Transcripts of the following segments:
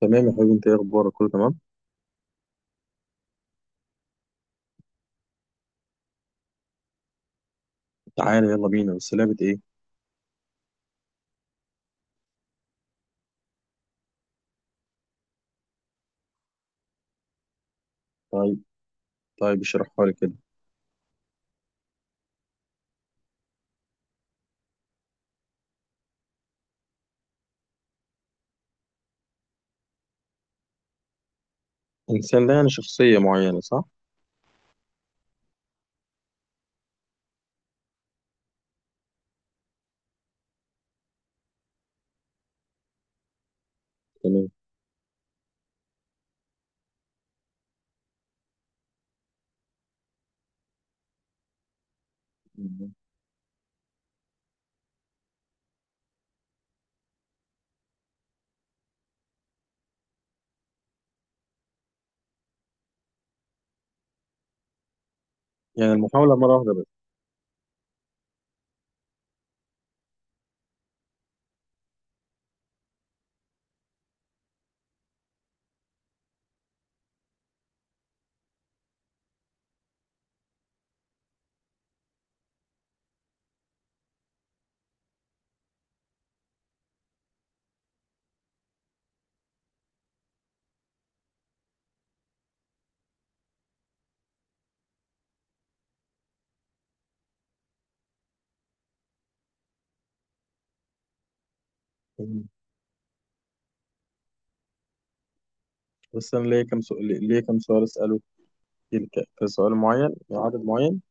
تمام يا حبيبي، انت ايه اخبارك؟ كله تمام. تعالى يلا بينا، بس لعبة ايه؟ طيب. طيب اشرحها لي كده. الانسان ده يعني شخصية معينة صح؟ تمام. يعني المحاولة مرة واحدة بس؟ تمام. بس انا ليا كام سؤال، كسؤال معين، عدد معين.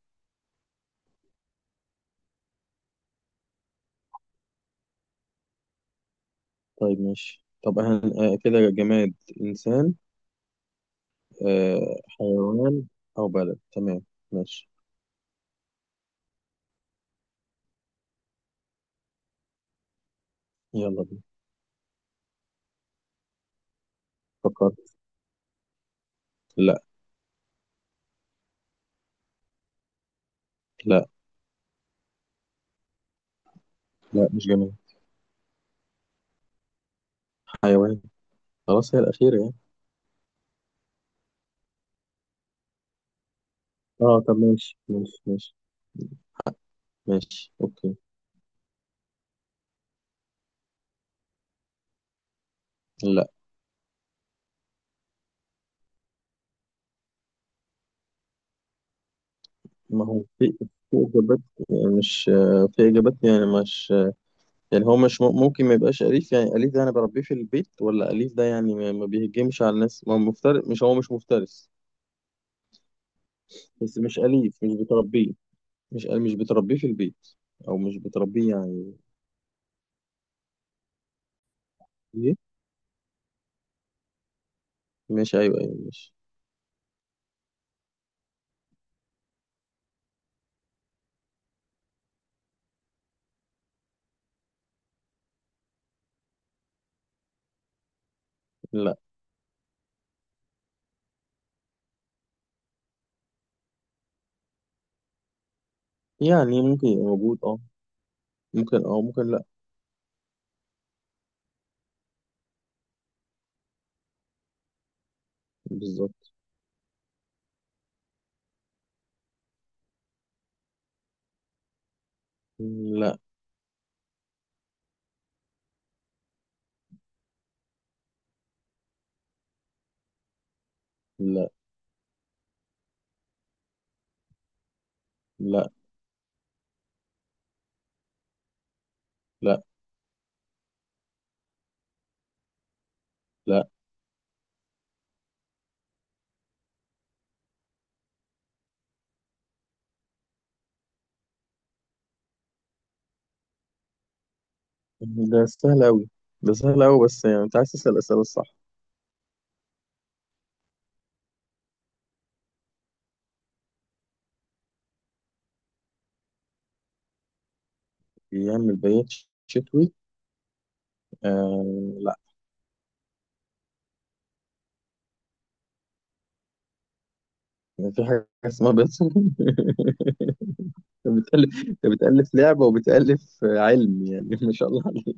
طيب ماشي. آه كده، جماد؟ انسان؟ آه حيوان او بلد؟ تمام ماشي، يلا بينا. فكرت. لا. لا لا مش جماد. حيوان. خلاص هي الأخيرة يعني. اه طب ماشي ماشي. ماشي اوكي. لا، ما هو في، في إجابات، يعني مش في إجابات يعني مش يعني هو مش ممكن ما يبقاش أليف. يعني أليف ده أنا بربيه في البيت، ولا أليف ده يعني ما بيهجمش على الناس؟ ما هو مفترس، مش هو مش مفترس، بس مش أليف، مش بتربيه، مش بتربيه في البيت، أو مش بتربيه يعني. إيه؟ مش أيوه أيوه مش لا يعني ممكن يبقى موجود، أه ممكن، أه ممكن لا. بالظبط. لا لا لا لا. لا. ده سهل أوي، ده سهل أوي، بس يعني أنت عايز تسأل الأسئلة الصح. يعمل بيات شتوي؟ آه، لا. في حاجة اسمها بيات صوم انت بتألف، انت بتألف لعبة وبتألف علم، يعني ما شاء الله عليك.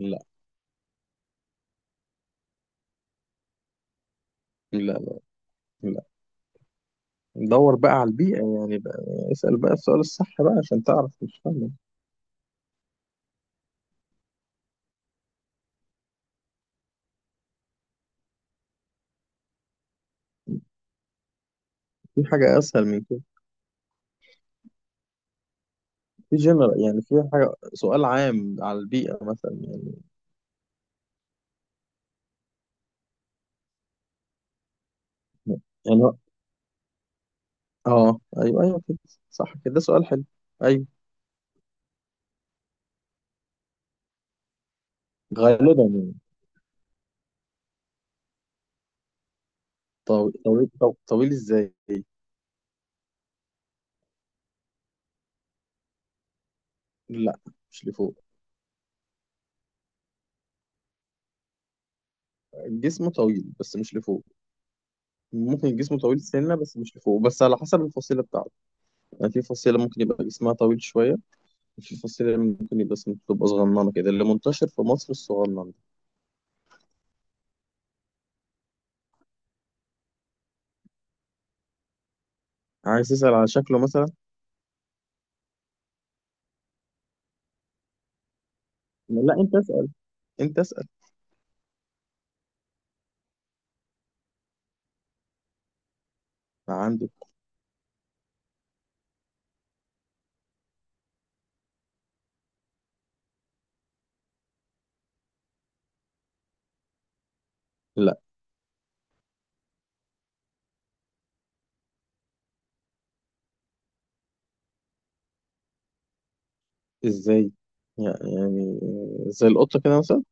لا لا. لا دور بقى على البيئة يعني بقى. اسأل بقى السؤال الصح بقى عشان تعرف، مش فاهم. في حاجة أسهل من كده. في جنرال يعني، في حاجة سؤال عام على البيئة مثلا يعني. يعني هو- اه ايوه ايوه كده، صح كده، ده سؤال حلو. ايوه. غالبا يعني. طويل. طويل طويل ازاي؟ لا مش لفوق. جسمه طويل بس مش لفوق. ممكن جسمه طويل سنة بس مش لفوق، بس على حسب الفصيلة بتاعته. يعني في فصيلة ممكن يبقى جسمها طويل شوية، وفي فصيلة ممكن يبقى تبقى صغننة كده، اللي منتشر في مصر الصغنن ده. عايز تسأل على شكله مثلا؟ لا انت اسأل، انت اسأل. عنده. لا. ازاي؟ يعني يعني زي القطة كده مثلا.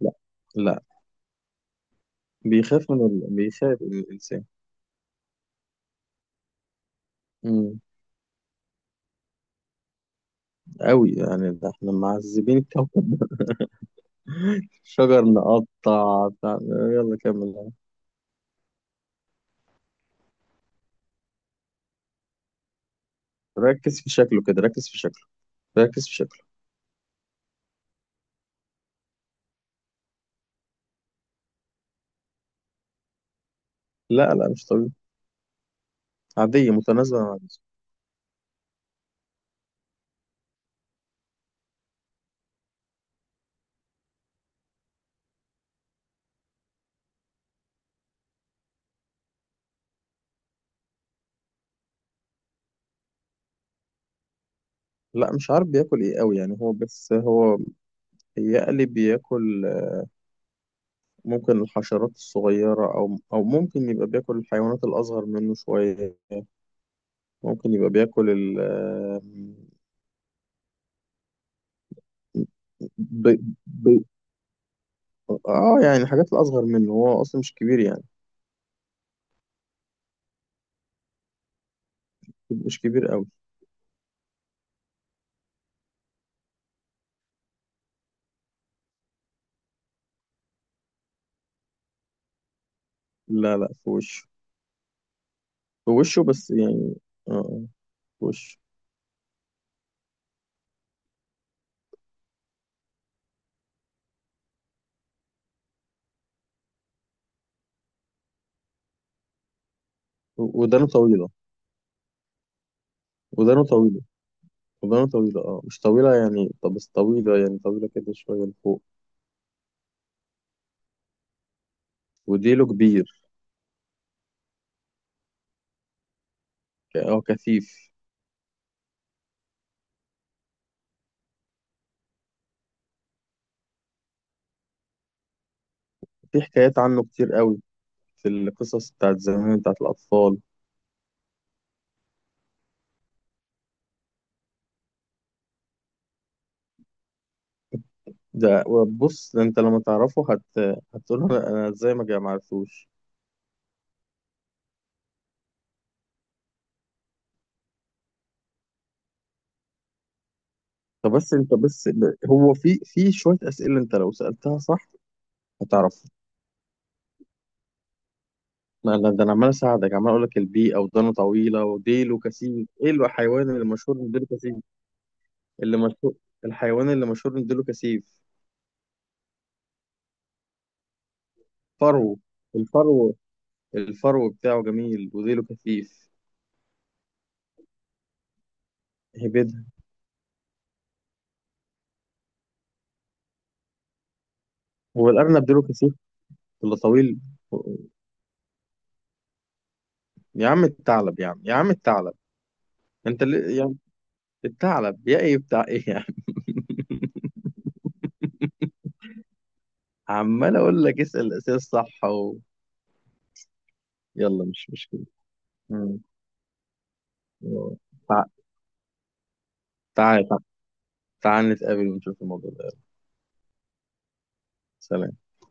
لا لا. بيخاف بيخاف من الإنسان. امم قوي يعني، ده احنا معذبين الكوكب شجر نقطع يلا كمل. ركز في شكله كده، ركز في شكله، ركز في شكله. لا مش طبيعي، عادية متناسبة مع جسمه. لا مش عارف بياكل ايه قوي يعني هو، بس هو يقلي بياكل. ممكن الحشرات الصغيرة، او او ممكن يبقى بياكل الحيوانات الاصغر منه شوية. ممكن يبقى بياكل ب... ب... اه يعني الحاجات الاصغر منه، هو اصلا مش كبير يعني، مش كبير قوي. لا في وشه. في وشه بس يعني، اه، في وشه. ودانه طويلة. ودانه طويلة، شغلانة طويلة، اه مش طويلة يعني، طب بس طويلة يعني، طويلة كده شوية لفوق. وديله كبير، اه كثيف. في حكايات عنه كتير قوي، في القصص بتاعت زمان بتاعت الأطفال. ده بص، ده انت لما تعرفه هتقول انا، ازاي ما عرفتوش. طب بس انت هو في، في شوية أسئلة انت لو سألتها صح هتعرفه. ما انا ده انا عمال اساعدك، عمال اقول لك البيئة، ودانه طويلة وديله كثيف، ايه الحيوان اللي مشهور بديله كثيف؟ اللي مشهور، الحيوان اللي مشهور بديله كثيف. فرو، الفرو، الفرو بتاعه جميل وديله كثيف. هبدها. هو الأرنب ديله كثيف ولا طويل؟ و- يا عم الثعلب، يا عم، يا عم الثعلب. انت اللي يعني، الثعلب يا ايه بتاع ايه يعني. عمال اقول لك اسأل الأسئلة الصح يلا مش مشكلة. مم. تع- تعال تعال. تعال نتقابل ونشوف الموضوع ده، يلا. سلام.